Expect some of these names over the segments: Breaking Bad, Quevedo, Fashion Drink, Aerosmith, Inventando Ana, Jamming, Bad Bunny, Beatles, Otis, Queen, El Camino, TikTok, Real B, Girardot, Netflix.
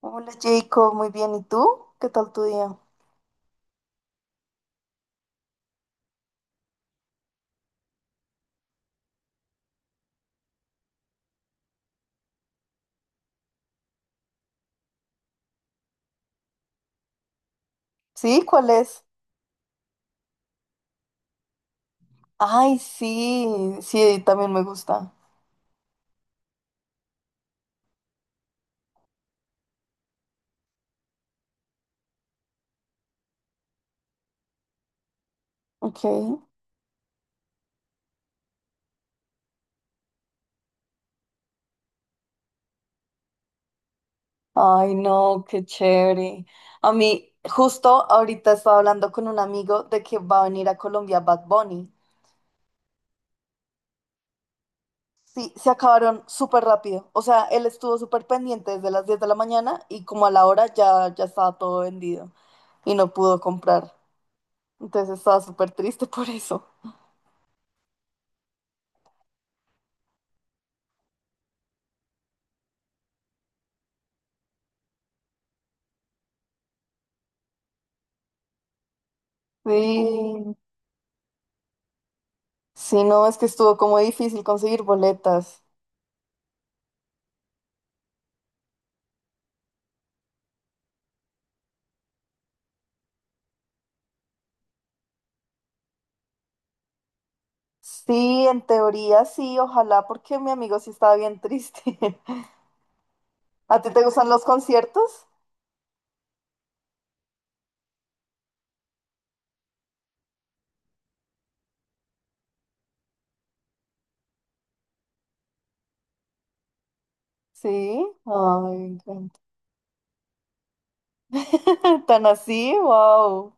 Hola Jacob, muy bien. ¿Y tú? ¿Qué tal tu día? ¿Sí? ¿Cuál es? Ay, sí, sí, también me gusta. Ok. Ay, no, qué chévere. A mí, justo ahorita estaba hablando con un amigo de que va a venir a Colombia Bad Bunny. Sí, se acabaron súper rápido. O sea, él estuvo súper pendiente desde las 10 de la mañana y como a la hora ya estaba todo vendido y no pudo comprar. Entonces estaba súper triste por eso. Sí. Sí, no, es que estuvo como difícil conseguir boletas. Sí, en teoría sí, ojalá, porque mi amigo sí estaba bien triste. ¿A ti te gustan los conciertos? Sí. Ay, me encanta. ¿Tan así? Wow.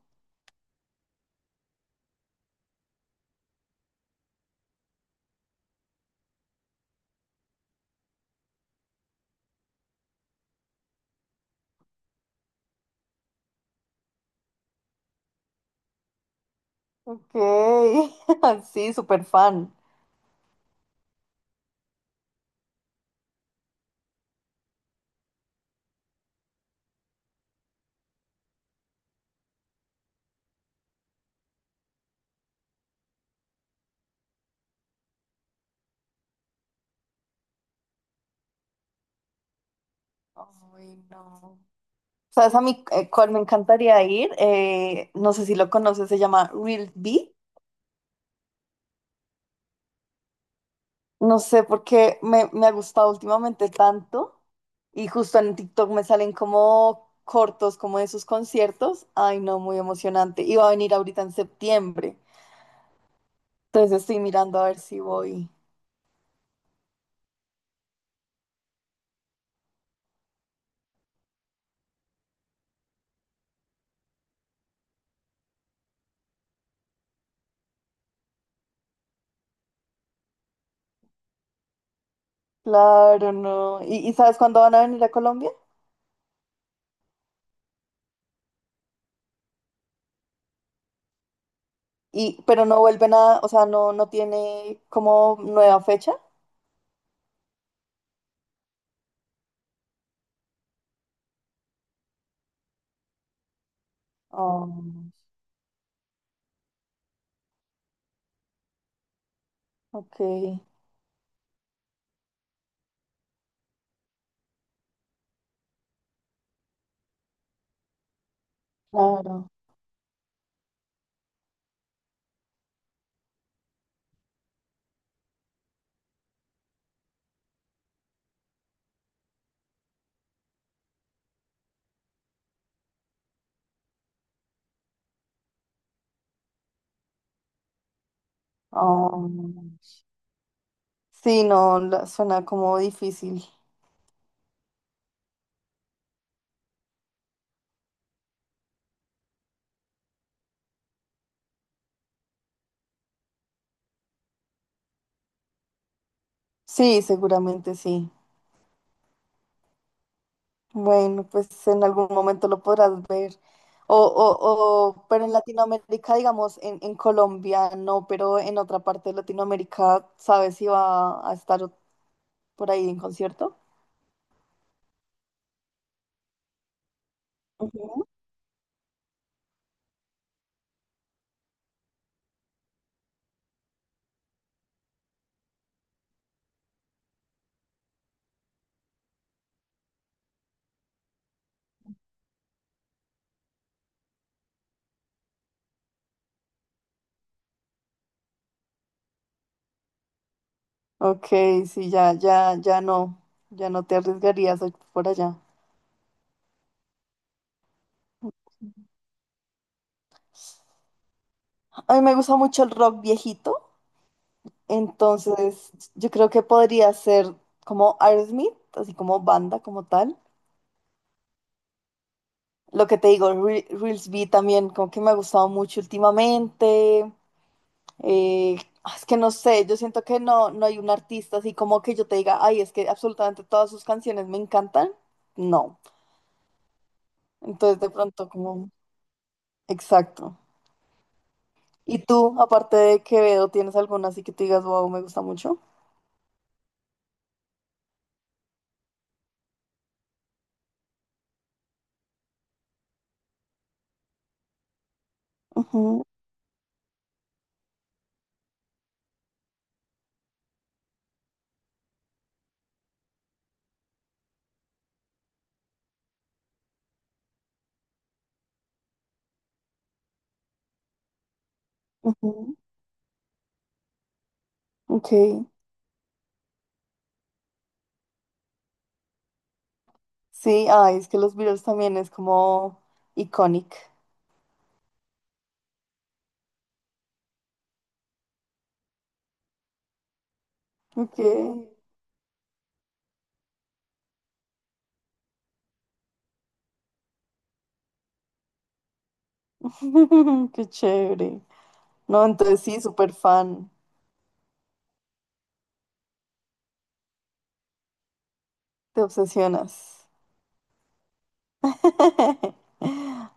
Ok. Sí, súper fan. Ay, no. ¿Sabes a mí cuál me encantaría ir? No sé si lo conoces, se llama Real B. No sé por qué me ha gustado últimamente tanto y justo en TikTok me salen como cortos como de sus conciertos. Ay, no, muy emocionante. Y va a venir ahorita en septiembre. Entonces estoy mirando a ver si voy. Claro, no. Y sabes cuándo van a venir a Colombia? Y, pero no vuelven a, o sea, no, no tiene como nueva fecha. Oh, ok, claro. Oh. Sí, no, suena como difícil. Sí, seguramente sí. Bueno, pues en algún momento lo podrás ver. Pero en Latinoamérica, digamos, en Colombia no, pero en otra parte de Latinoamérica, ¿sabes si va a estar por ahí en concierto? Ujú. Ok, sí, ya, ya, ya no te arriesgarías a ir por allá. A mí me gusta mucho el rock viejito, entonces yo creo que podría ser como Aerosmith, así como banda, como tal. Lo que te digo, Reels B también, como que me ha gustado mucho últimamente. Eh, es que no sé, yo siento que no hay un artista así como que yo te diga, ay, es que absolutamente todas sus canciones me encantan. No. Entonces, de pronto, como, exacto. ¿Y tú, aparte de Quevedo, tienes alguna así que te digas, wow, me gusta mucho? Ujú, ujú, ok. Sí, ay, es que los Beatles también es como iconic. Ok. Qué chévere. No, entonces sí, súper fan. Te obsesionas.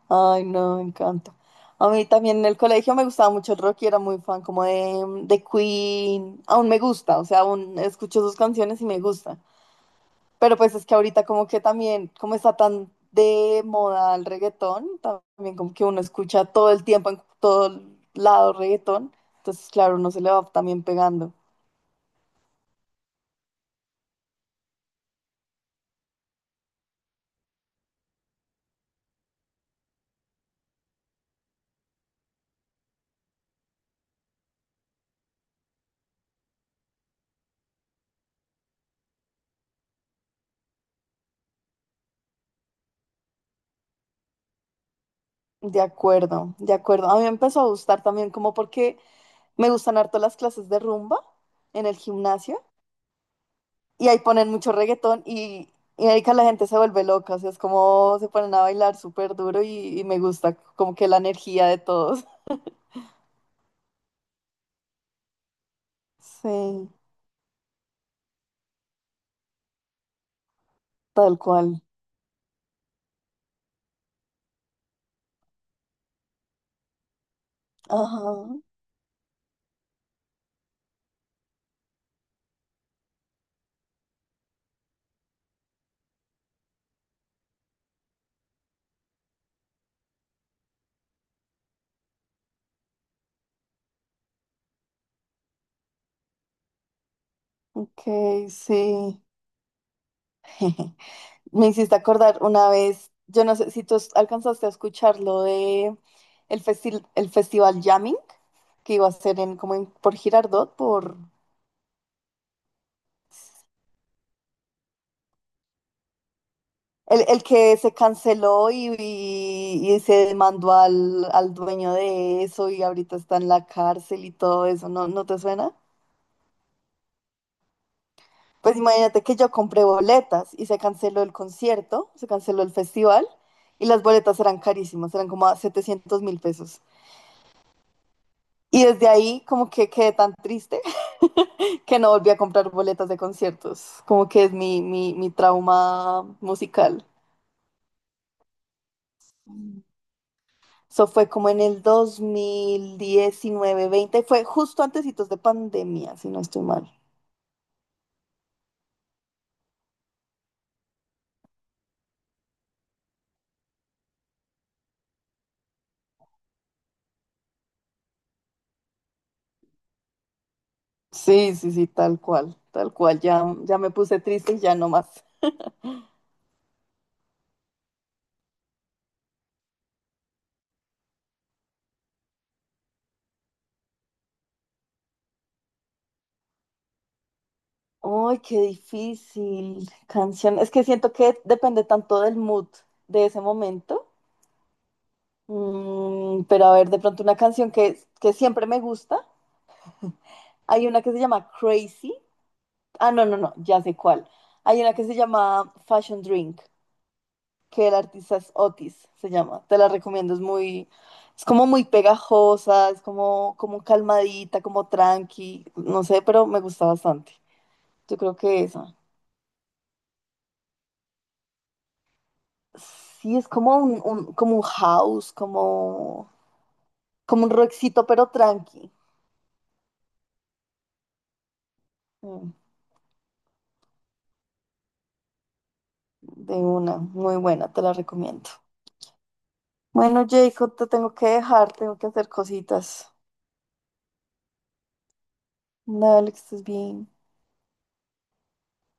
Ay, no, me encanta. A mí también en el colegio me gustaba mucho el rock y era muy fan como de Queen. Aún me gusta, o sea, aún escucho sus canciones y me gusta. Pero pues es que ahorita como que también, como está tan de moda el reggaetón, también como que uno escucha todo el tiempo en todo lado reggaetón. Entonces, claro, uno se le va también pegando. De acuerdo, de acuerdo. A mí me empezó a gustar también como porque me gustan harto las clases de rumba en el gimnasio. Y ahí ponen mucho reggaetón y ahí que la gente se vuelve loca, o sea, es como se ponen a bailar súper duro y me gusta como que la energía de todos. Sí, tal cual. Ajá, ok, sí. Me hiciste acordar una vez, yo no sé si tú alcanzaste a escuchar lo de el festival Jamming que iba a ser en, como por Girardot, por, El que se canceló y se demandó al dueño de eso y ahorita está en la cárcel y todo eso, ¿no, no te suena? Pues imagínate que yo compré boletas y se canceló el concierto, se canceló el festival y las boletas eran carísimas, eran como a $700.000. Y desde ahí como que quedé tan triste que no volví a comprar boletas de conciertos, como que es mi, mi trauma musical. Eso fue como en el 2019-20, fue justo antecitos de pandemia, si no estoy mal. Sí, sí, sí, tal cual, ya, ya me puse triste y ya no más. Ay, qué difícil canción. Es que siento que depende tanto del mood de ese momento. Mm, pero a ver, de pronto una canción que siempre me gusta. Hay una que se llama Crazy. Ah, no, no, no, ya sé cuál. Hay una que se llama Fashion Drink. Que el artista es Otis, se llama. Te la recomiendo, es muy, es como muy pegajosa, es como, como calmadita, como tranqui, no sé, pero me gusta bastante. Yo creo que esa. Sí, es como como un house, como, como un rockcito, pero tranqui. Mm, de una, muy buena, te la recomiendo. Bueno, Jacob, te tengo que dejar, tengo que hacer cositas. Dale, que estés bien.